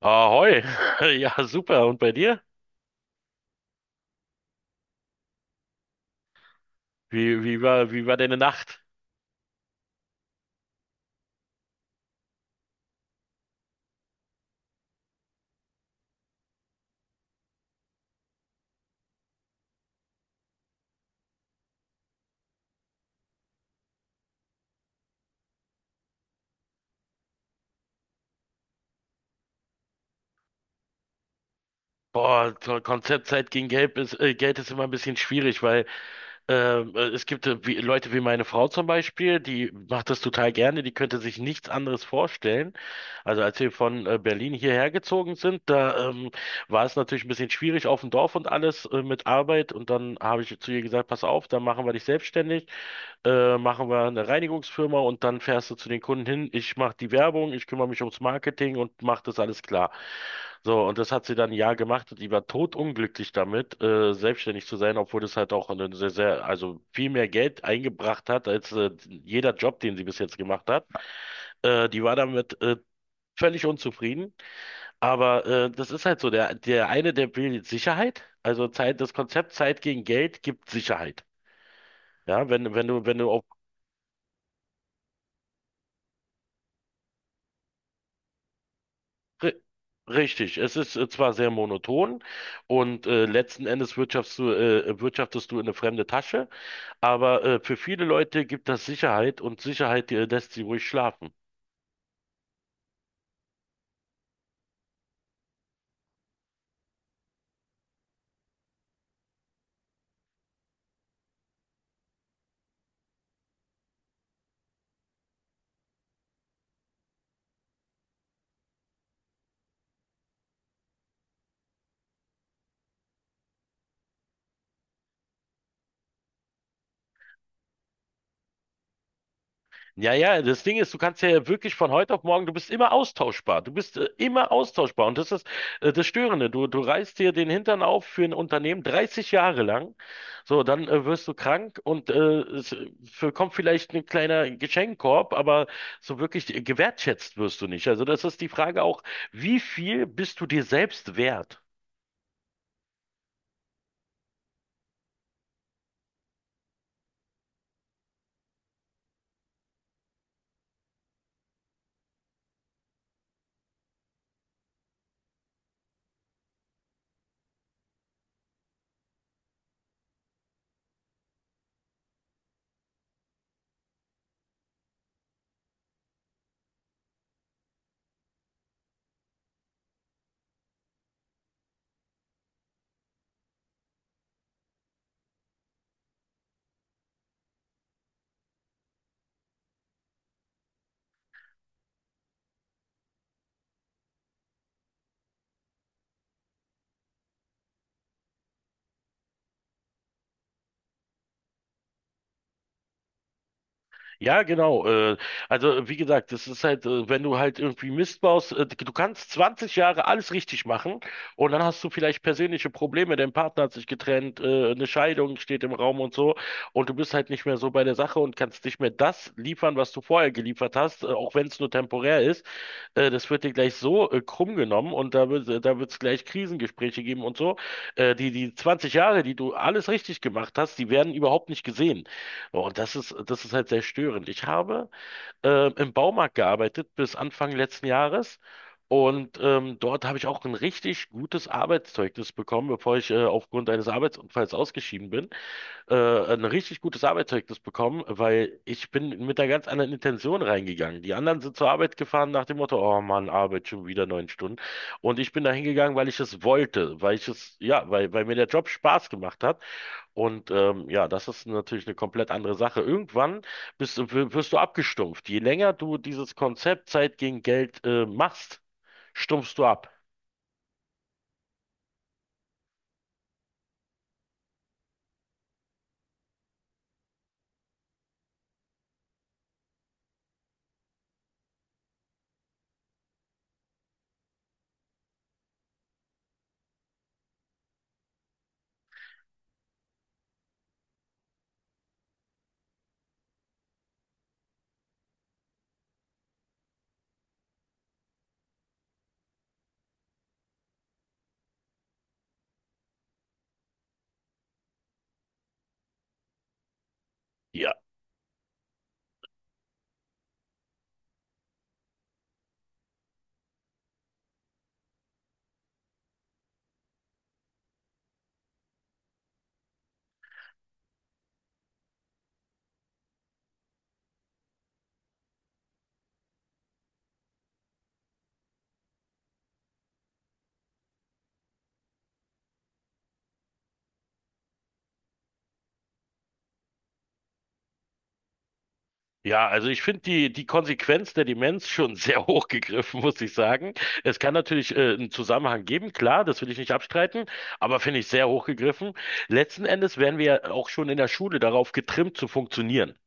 Ahoi. Ja, super. Und bei dir? Wie war deine Nacht? Boah, zur Konzeptzeit gegen Geld ist immer ein bisschen schwierig, weil es gibt Leute wie meine Frau zum Beispiel, die macht das total gerne, die könnte sich nichts anderes vorstellen. Also als wir von Berlin hierher gezogen sind, da war es natürlich ein bisschen schwierig auf dem Dorf und alles mit Arbeit. Und dann habe ich zu ihr gesagt, pass auf, dann machen wir dich selbstständig. Machen wir eine Reinigungsfirma und dann fährst du zu den Kunden hin. Ich mache die Werbung, ich kümmere mich ums Marketing und mache das alles klar. So, und das hat sie dann ein Jahr gemacht und die war totunglücklich damit, selbstständig zu sein, obwohl das halt auch eine sehr, sehr, also viel mehr Geld eingebracht hat als jeder Job, den sie bis jetzt gemacht hat. Die war damit völlig unzufrieden. Aber das ist halt so, der eine, der will Sicherheit. Also Zeit, das Konzept Zeit gegen Geld gibt Sicherheit. Ja, wenn du auf Ri- Richtig, es ist zwar sehr monoton und letzten Endes wirtschaftest du in eine fremde Tasche, aber für viele Leute gibt das Sicherheit und Sicherheit lässt sie ruhig schlafen. Ja, ja, das Ding ist, du kannst ja wirklich von heute auf morgen, du bist immer austauschbar. Du bist immer austauschbar. Und das ist das Störende. Du reißt dir den Hintern auf für ein Unternehmen 30 Jahre lang. So, dann wirst du krank und es für, kommt vielleicht ein kleiner Geschenkkorb, aber so wirklich gewertschätzt wirst du nicht. Also das ist die Frage auch, wie viel bist du dir selbst wert? Ja, genau. Also wie gesagt, das ist halt, wenn du halt irgendwie Mist baust, du kannst 20 Jahre alles richtig machen und dann hast du vielleicht persönliche Probleme, dein Partner hat sich getrennt, eine Scheidung steht im Raum und so und du bist halt nicht mehr so bei der Sache und kannst nicht mehr das liefern, was du vorher geliefert hast, auch wenn es nur temporär ist. Das wird dir gleich so krumm genommen und da wird es gleich Krisengespräche geben und so. Die 20 Jahre, die du alles richtig gemacht hast, die werden überhaupt nicht gesehen. Boah, und das ist halt sehr störend. Ich habe im Baumarkt gearbeitet bis Anfang letzten Jahres und dort habe ich auch ein richtig gutes Arbeitszeugnis bekommen, bevor ich aufgrund eines Arbeitsunfalls ausgeschieden bin. Ein richtig gutes Arbeitszeugnis bekommen, weil ich bin mit einer ganz anderen Intention reingegangen. Die anderen sind zur Arbeit gefahren nach dem Motto, oh Mann, Arbeit schon wieder 9 Stunden. Und ich bin da hingegangen, weil ich es wollte, weil ich es, weil mir der Job Spaß gemacht hat. Und ja, das ist natürlich eine komplett andere Sache. Irgendwann wirst du abgestumpft. Je länger du dieses Konzept Zeit gegen Geld machst, stumpfst du ab. Ja. Ja, also ich finde die Konsequenz der Demenz schon sehr hoch gegriffen, muss ich sagen. Es kann natürlich einen Zusammenhang geben, klar, das will ich nicht abstreiten, aber finde ich sehr hoch gegriffen. Letzten Endes werden wir ja auch schon in der Schule darauf getrimmt zu funktionieren.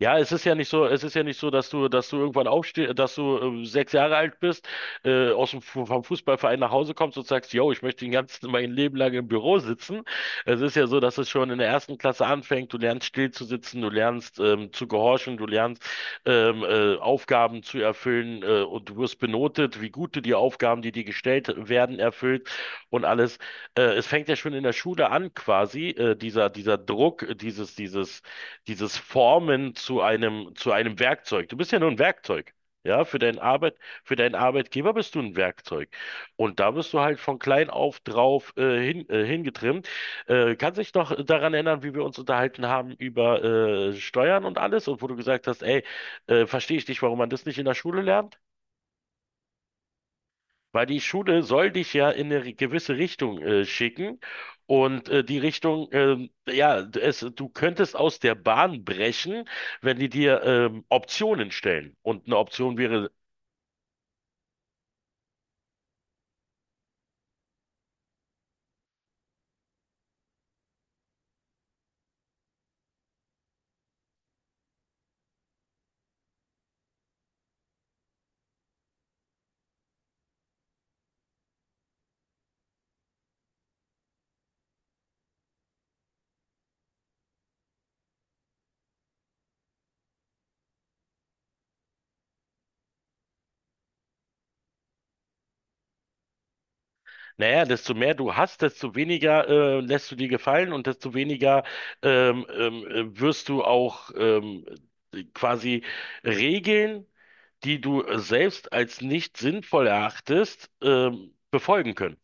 Ja, es ist ja nicht so, dass du irgendwann aufstehst, dass du 6 Jahre alt bist, vom Fußballverein nach Hause kommst und sagst, yo, ich möchte den ganzen, mein Leben lang im Büro sitzen. Es ist ja so, dass es schon in der ersten Klasse anfängt. Du lernst still zu sitzen, du lernst zu gehorchen, du lernst Aufgaben zu erfüllen und du wirst benotet, wie gut du die Aufgaben, die dir gestellt werden, erfüllt und alles. Es fängt ja schon in der Schule an, quasi, dieser Druck, dieses Formen zu zu einem Werkzeug. Du bist ja nur ein Werkzeug. Ja, für deinen Arbeit, für deinen Arbeitgeber bist du ein Werkzeug. Und da bist du halt von klein auf drauf hingetrimmt. Kannst dich noch daran erinnern, wie wir uns unterhalten haben über Steuern und alles und wo du gesagt hast, ey, verstehe ich nicht, warum man das nicht in der Schule lernt? Weil die Schule soll dich ja in eine gewisse Richtung schicken und die Richtung, ja, es, du könntest aus der Bahn brechen, wenn die dir Optionen stellen. Und eine Option wäre, naja, desto mehr du hast, desto weniger lässt du dir gefallen und desto weniger wirst du auch quasi Regeln, die du selbst als nicht sinnvoll erachtest, befolgen können.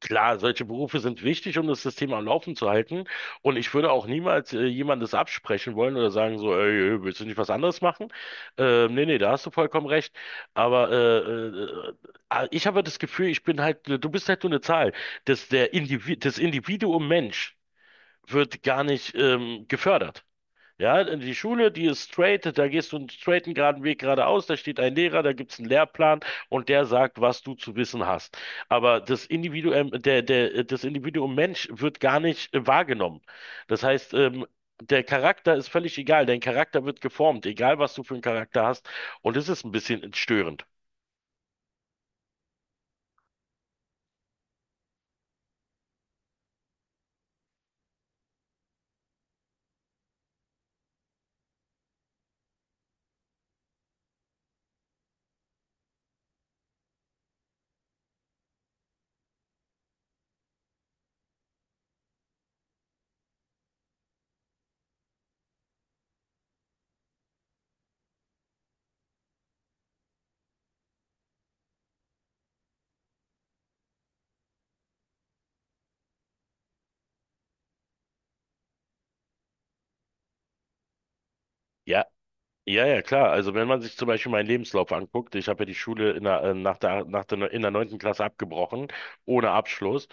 Klar, solche Berufe sind wichtig, um das System am Laufen zu halten. Und ich würde auch niemals jemandes absprechen wollen oder sagen so, ey, ey, willst du nicht was anderes machen? Nee, nee, da hast du vollkommen recht. Aber äh, ich habe das Gefühl, ich bin halt, du bist halt nur eine Zahl. Der Individ, das Individuum Mensch wird gar nicht gefördert. Ja, in die Schule, die ist straight, da gehst du einen straighten geraden Weg geradeaus, da steht ein Lehrer, da gibt's einen Lehrplan und der sagt, was du zu wissen hast. Aber das Individuum, das Individuum Mensch wird gar nicht wahrgenommen. Das heißt, der Charakter ist völlig egal, dein Charakter wird geformt, egal was du für einen Charakter hast. Und das ist ein bisschen störend. Ja, Ja, ja, klar. Also wenn man sich zum Beispiel meinen Lebenslauf anguckt, ich habe ja die Schule in nach der, in der neunten Klasse abgebrochen, ohne Abschluss,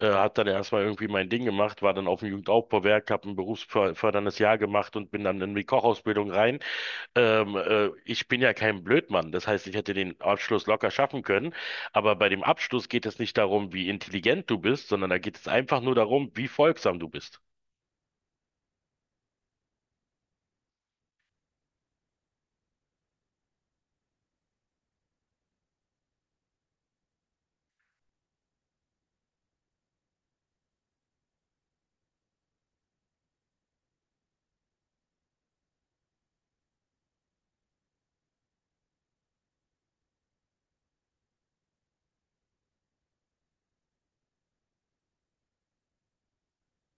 habe dann erstmal irgendwie mein Ding gemacht, war dann auf dem Jugendaufbauwerk, habe ein berufsförderndes Jahr gemacht und bin dann in die Kochausbildung rein. Ich bin ja kein Blödmann, das heißt, ich hätte den Abschluss locker schaffen können, aber bei dem Abschluss geht es nicht darum, wie intelligent du bist, sondern da geht es einfach nur darum, wie folgsam du bist.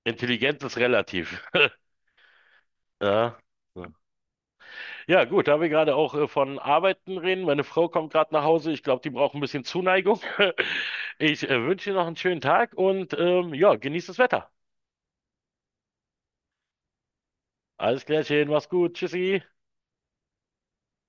Intelligenz ist relativ. Ja. Ja, gut, da wir gerade auch von Arbeiten reden. Meine Frau kommt gerade nach Hause. Ich glaube, die braucht ein bisschen Zuneigung. Ich wünsche dir noch einen schönen Tag und ja, genieß das Wetter. Alles Klärchen, mach's gut. Tschüssi.